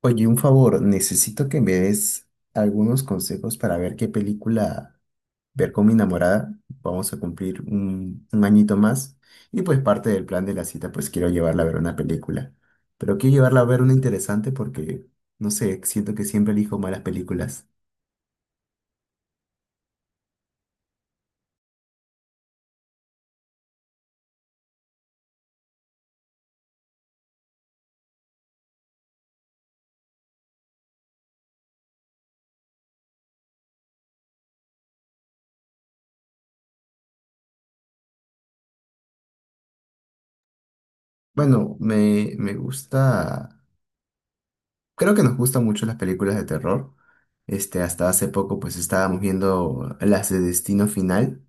Oye, un favor, necesito que me des algunos consejos para ver qué película ver con mi enamorada. Vamos a cumplir un añito más y pues parte del plan de la cita, pues quiero llevarla a ver una película. Pero quiero llevarla a ver una interesante porque, no sé, siento que siempre elijo malas películas. Bueno, me gusta, creo que nos gustan mucho las películas de terror. Este, hasta hace poco pues estábamos viendo las de Destino Final.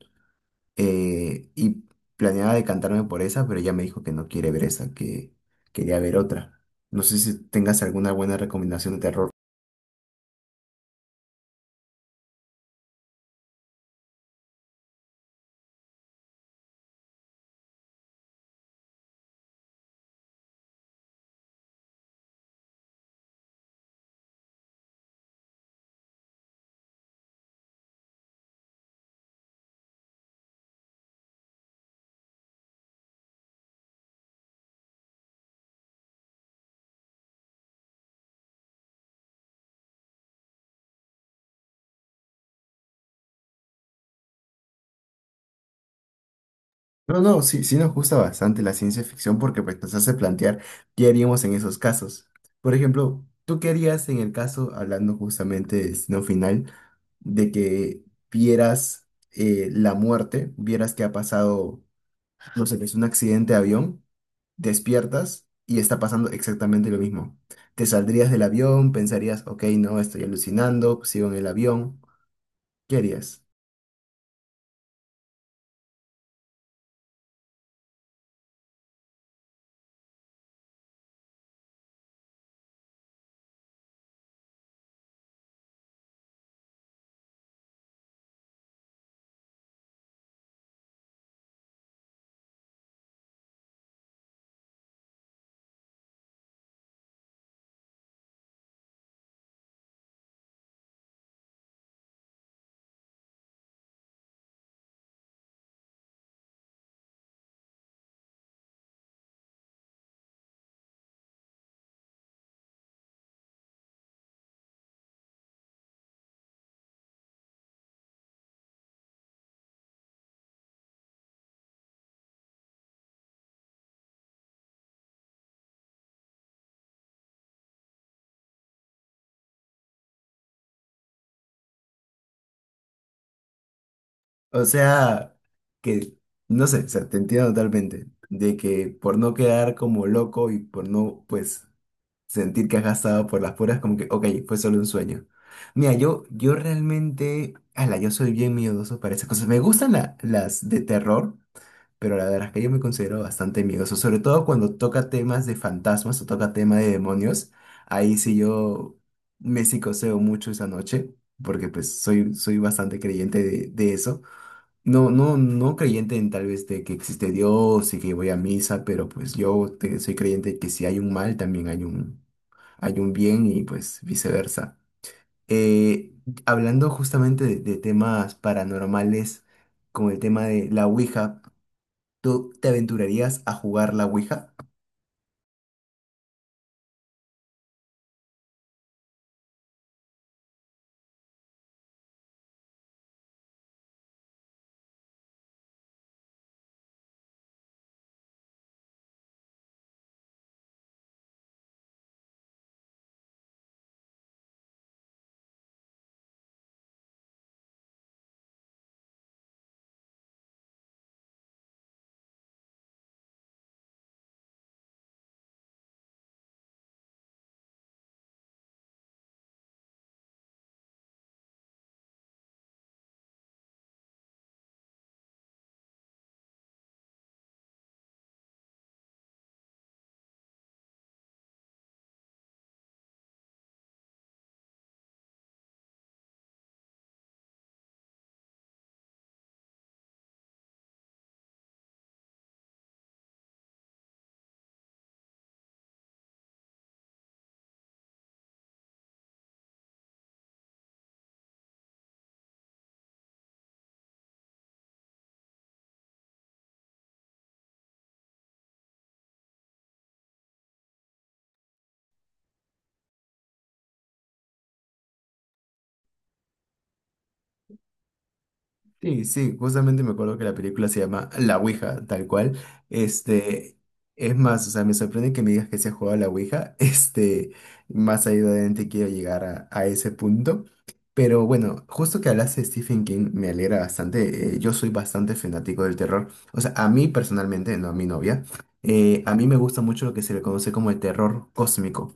Y planeaba decantarme por esa, pero ella me dijo que no quiere ver esa, que quería ver otra. No sé si tengas alguna buena recomendación de terror. No, no, sí, sí nos gusta bastante la ciencia ficción porque pues, nos hace plantear qué haríamos en esos casos. Por ejemplo, ¿tú qué harías en el caso, hablando justamente de destino final, de que vieras la muerte, vieras que ha pasado, no sé, que es un accidente de avión? Despiertas y está pasando exactamente lo mismo. Te saldrías del avión, pensarías, ok, no, estoy alucinando, sigo en el avión. ¿Qué harías? O sea, que, no sé, o sea, te entiendo totalmente, de que por no quedar como loco y por no, pues, sentir que has gastado por las puras, como que, ok, fue solo un sueño. Mira, yo realmente, ala, yo soy bien miedoso para esas cosas. Me gustan las de terror, pero la verdad es que yo me considero bastante miedoso, sobre todo cuando toca temas de fantasmas o toca tema de demonios, ahí sí yo me psicoseo mucho esa noche, porque pues soy, soy bastante creyente de eso. No, no, no creyente en tal vez de que existe Dios y que voy a misa, pero pues soy creyente que si hay un mal también hay un bien y pues viceversa. Eh, Hablando justamente de temas paranormales, como el tema de la Ouija. ¿Tú te aventurarías a jugar la Ouija? Sí, sí, justamente me acuerdo que la película se llama La Ouija, tal cual. Este, es más, o sea, me sorprende que me digas que se ha jugado a la Ouija. Este, más ahí adelante quiero llegar a ese punto. Pero bueno, justo que hablaste de Stephen King, me alegra bastante. Yo soy bastante fanático del terror. O sea, a mí personalmente, no a mi novia, a mí me gusta mucho lo que se le conoce como el terror cósmico.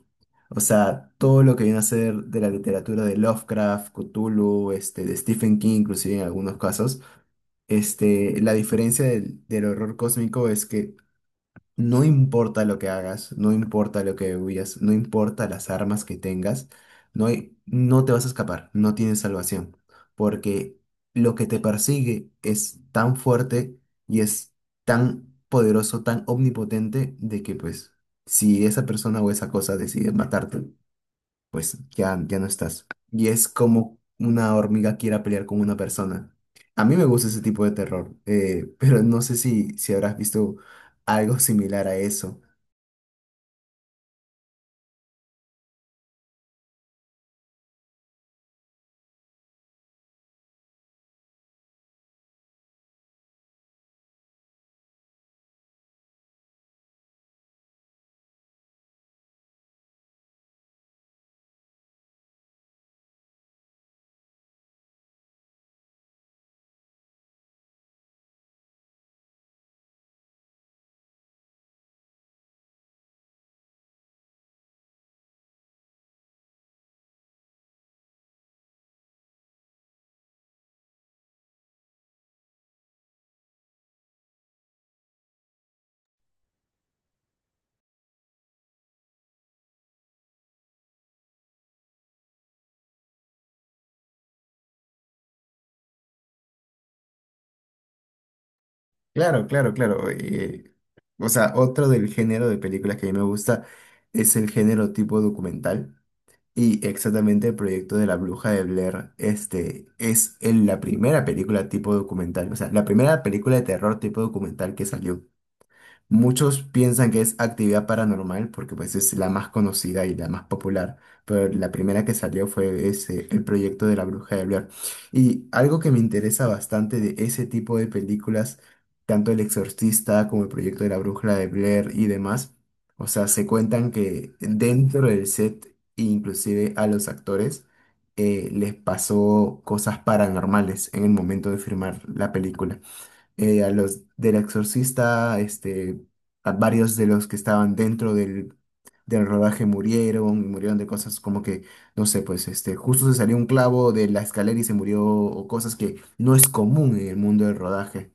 O sea, todo lo que viene a ser de la literatura de Lovecraft, Cthulhu, este, de Stephen King, inclusive en algunos casos, este, la diferencia del horror cósmico es que no importa lo que hagas, no importa lo que huyas, no importa las armas que tengas, no te vas a escapar, no tienes salvación, porque lo que te persigue es tan fuerte y es tan poderoso, tan omnipotente, de que pues si esa persona o esa cosa decide matarte, pues ya, ya no estás. Y es como una hormiga quiera pelear con una persona. A mí me gusta ese tipo de terror, pero no sé si, si habrás visto algo similar a eso. Claro, claro, claro. Eh, o sea, otro del género de películas que a mí me gusta es el género tipo documental. Y exactamente el proyecto de la Bruja de Blair, este, la primera película tipo documental, o sea, la primera película de terror tipo documental que salió. Muchos piensan que es actividad paranormal porque pues es la más conocida y la más popular, pero la primera que salió fue ese, el proyecto de la Bruja de Blair. Y algo que me interesa bastante de ese tipo de películas, tanto El Exorcista como el proyecto de la Bruja de Blair y demás, o sea, se cuentan que dentro del set, inclusive a los actores, les pasó cosas paranormales en el momento de firmar la película a los del exorcista, este, a varios de los que estaban dentro del rodaje murieron, y murieron de cosas como que, no sé, pues este, justo se salió un clavo de la escalera y se murió, o cosas que no es común en el mundo del rodaje.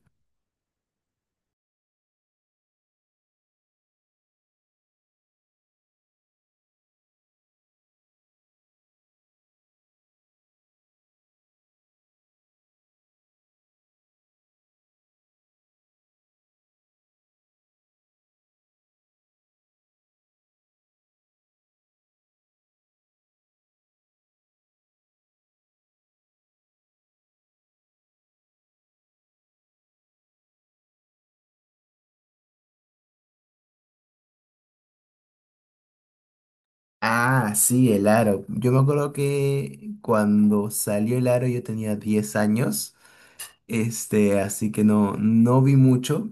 Ah, sí, el aro. Yo me acuerdo que cuando salió el aro yo tenía 10 años, este, así que no, no vi mucho.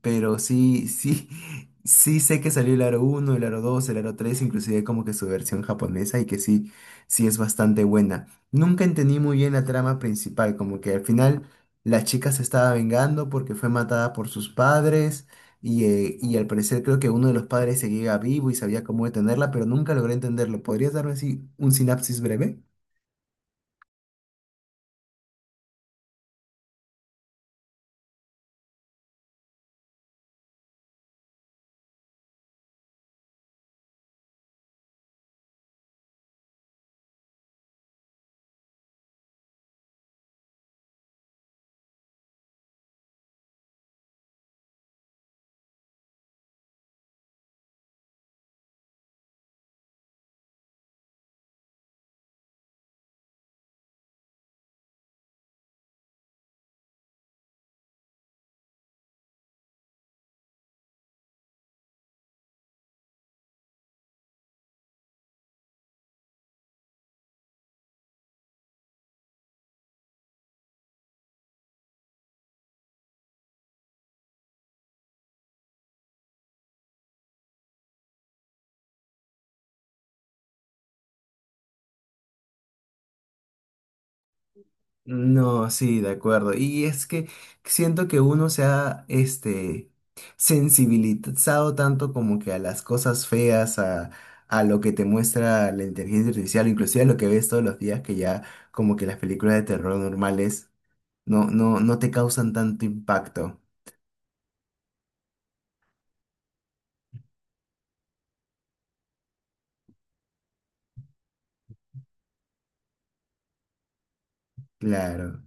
Pero sí, sí, sí sé que salió el Aro uno, el Aro dos, el Aro tres, inclusive como que su versión japonesa y que sí, sí es bastante buena. Nunca entendí muy bien la trama principal, como que al final la chica se estaba vengando porque fue matada por sus padres y al parecer creo que uno de los padres seguía vivo y sabía cómo detenerla, pero nunca logré entenderlo. ¿Podrías darme así un sinapsis breve? No, sí, de acuerdo. Y es que siento que uno se ha, este, sensibilizado tanto como que a las cosas feas, a lo que te muestra la inteligencia artificial, inclusive a lo que ves todos los días, que ya como que las películas de terror normales no, no, no te causan tanto impacto. Claro.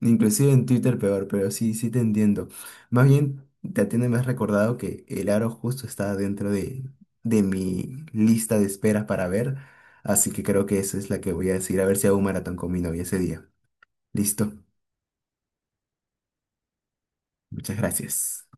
Inclusive en Twitter peor, pero sí, sí te entiendo. Más bien, Tatiana, me has recordado que el aro justo está dentro de mi lista de espera para ver, así que creo que esa es la que voy a decir, a ver si hago un maratón con mi novia ese día. Listo, muchas gracias.